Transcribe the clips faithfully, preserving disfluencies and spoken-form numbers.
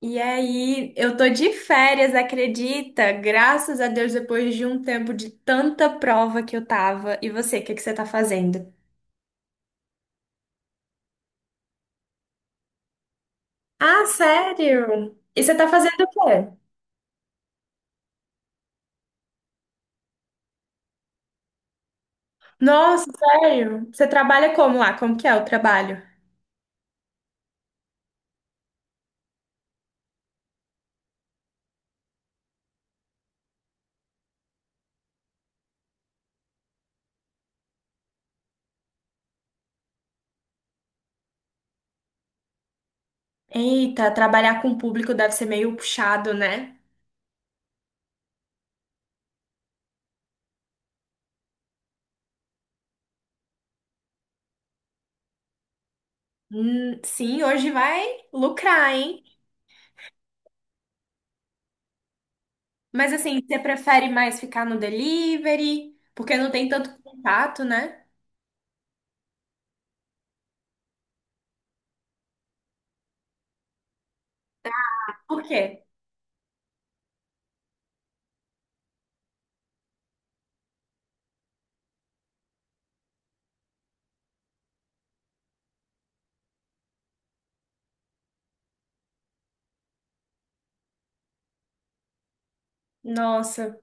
E aí, eu tô de férias, acredita? Graças a Deus, depois de um tempo de tanta prova que eu tava. E você, o que que você tá fazendo? Ah, sério? E você tá fazendo o quê? Nossa, sério? Você trabalha como lá? Como que é o trabalho? Eita, trabalhar com o público deve ser meio puxado, né? Hum, sim, hoje vai lucrar, hein? Mas assim, você prefere mais ficar no delivery? Porque não tem tanto contato, né? Por quê? Nossa.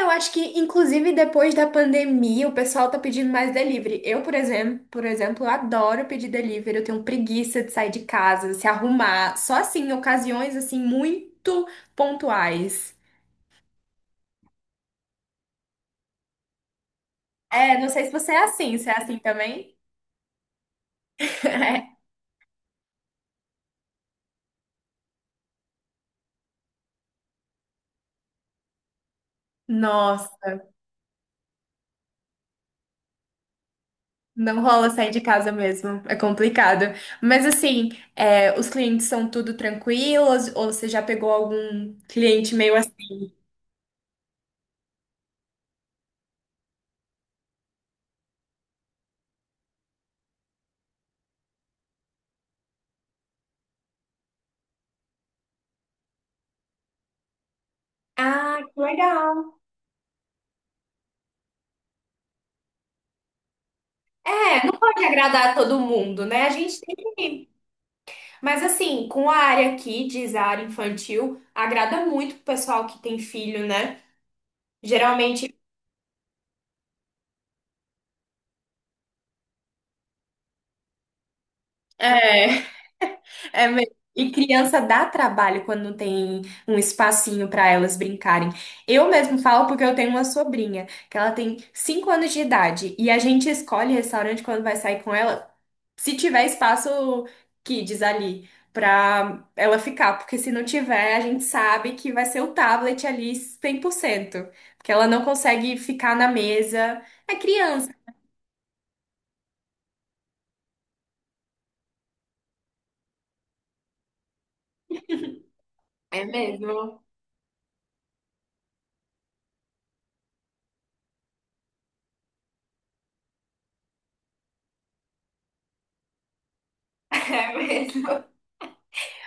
Eu acho que, inclusive, depois da pandemia, o pessoal tá pedindo mais delivery. Eu, por exemplo, por exemplo, adoro pedir delivery. Eu tenho preguiça de sair de casa, se arrumar. Só assim, em ocasiões, assim, muito pontuais. É, não sei se você é assim. Você é assim também? Nossa, não rola sair de casa mesmo. É complicado. Mas, assim, é, os clientes são tudo tranquilos? Ou você já pegou algum cliente meio assim? Ah, que legal. É, não pode agradar todo mundo, né? A gente tem que. Mas assim, com a área aqui, diz a área infantil, agrada muito o pessoal que tem filho, né? Geralmente. É mesmo. E criança dá trabalho quando não tem um espacinho para elas brincarem. Eu mesmo falo porque eu tenho uma sobrinha, que ela tem cinco anos de idade, e a gente escolhe restaurante quando vai sair com ela, se tiver espaço kids ali pra ela ficar, porque se não tiver, a gente sabe que vai ser o tablet ali cem por cento, porque ela não consegue ficar na mesa. É criança. É mesmo. É mesmo.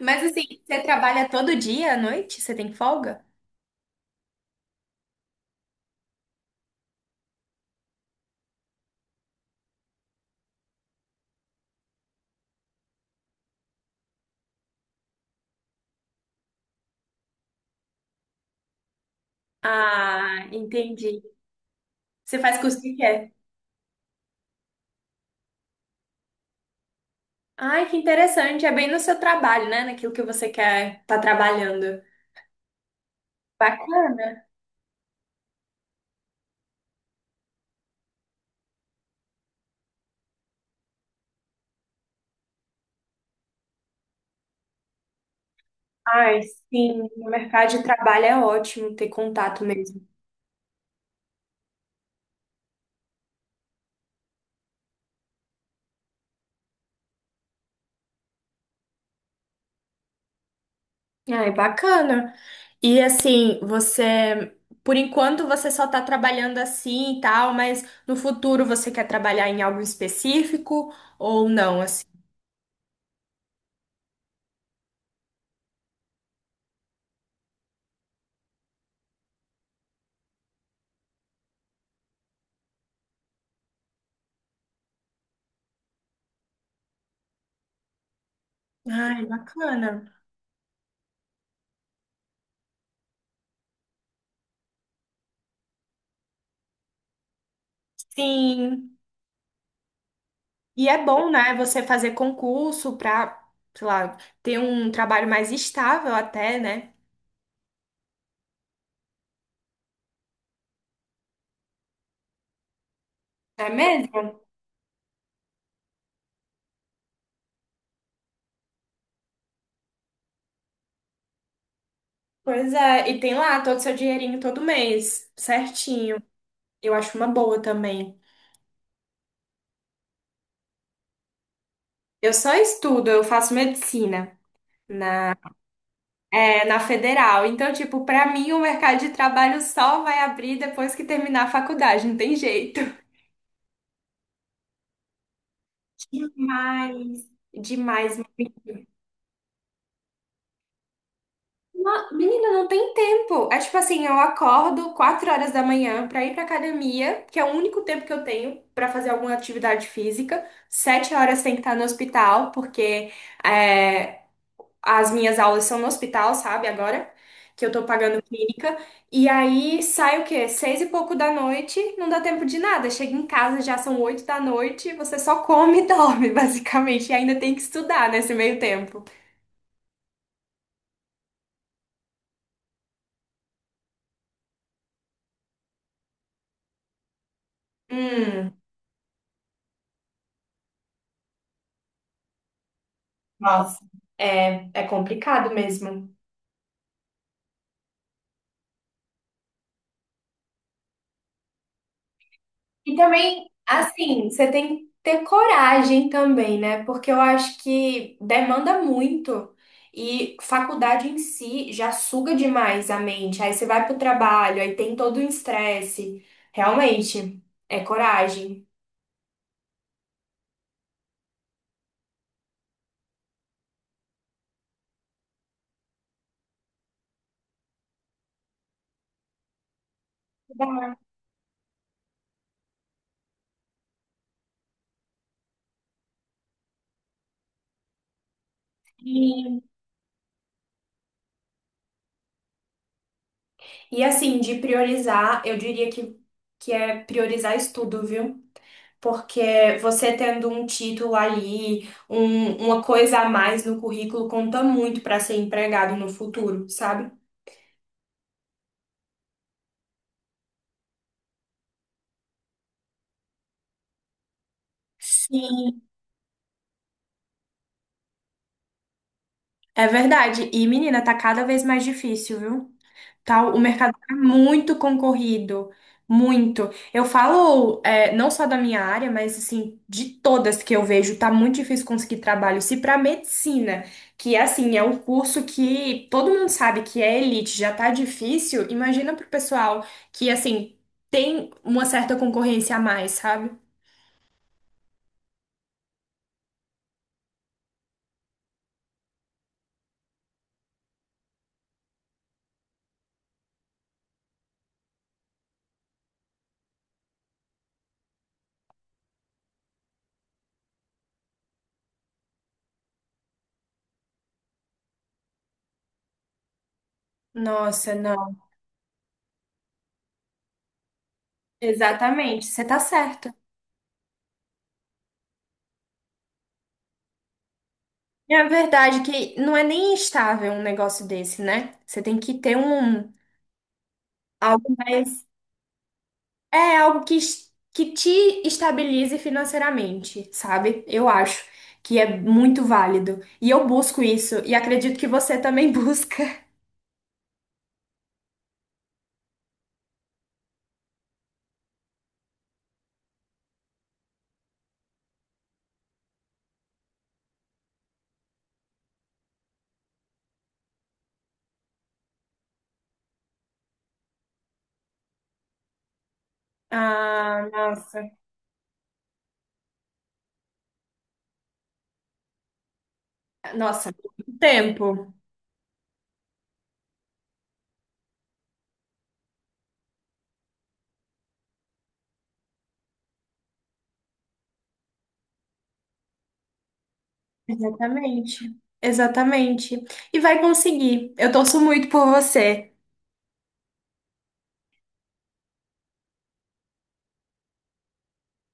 Mas assim, você trabalha todo dia à noite? Você tem folga? Ah, entendi. Você faz curso que quer? Ai, que interessante. É bem no seu trabalho, né? Naquilo que você quer tá trabalhando. Bacana. Ai, sim, no mercado de trabalho é ótimo ter contato mesmo. Ai, bacana. E assim, você, por enquanto você só tá trabalhando assim e tal, mas no futuro você quer trabalhar em algo específico ou não, assim? Ai, bacana. Sim. E é bom, né, você fazer concurso para sei lá, ter um trabalho mais estável até, né? É mesmo? Pois é, e tem lá todo o seu dinheirinho todo mês, certinho. Eu acho uma boa também. Eu só estudo, eu faço medicina na, é, na federal. Então, tipo, pra mim o mercado de trabalho só vai abrir depois que terminar a faculdade, não tem jeito. Demais. Demais. Menina, não tem tempo. É tipo assim, eu acordo quatro horas da manhã pra ir pra academia, que é o único tempo que eu tenho pra fazer alguma atividade física. Sete horas tem que estar no hospital, porque é, as minhas aulas são no hospital, sabe? Agora que eu tô pagando clínica. E aí sai o quê? Seis e pouco da noite, não dá tempo de nada. Chega em casa, já são oito da noite, você só come e dorme, basicamente. E ainda tem que estudar nesse meio tempo. Hum. Nossa, é, é complicado mesmo. E também, assim, você tem que ter coragem também, né? Porque eu acho que demanda muito. E faculdade em si já suga demais a mente. Aí você vai pro trabalho, aí tem todo o estresse. Realmente, é coragem. E, e assim, de priorizar, eu diria que, que é priorizar estudo, viu? Porque você tendo um título ali, um- uma coisa a mais no currículo, conta muito para ser empregado no futuro, sabe? Sim, é verdade. E, menina, tá cada vez mais difícil, viu? Tal, o mercado está muito concorrido, muito. Eu falo, é, não só da minha área, mas assim, de todas que eu vejo, tá muito difícil conseguir trabalho. Se para medicina, que assim, é um curso que todo mundo sabe que é elite, já tá difícil, imagina pro pessoal que assim, tem uma certa concorrência a mais, sabe? Nossa, não. Exatamente, você tá certa. É a verdade é que não é nem estável um negócio desse, né? Você tem que ter um algo mais. É algo que, es- que te estabilize financeiramente, sabe? Eu acho que é muito válido. E eu busco isso, e acredito que você também busca. Ah, nossa. Nossa, muito tempo. Exatamente. Exatamente. E vai conseguir. Eu torço muito por você.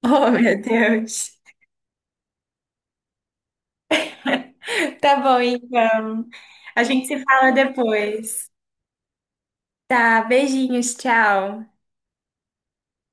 Oh, meu Deus. Tá bom, então. A gente se fala depois. Tá, beijinhos, tchau.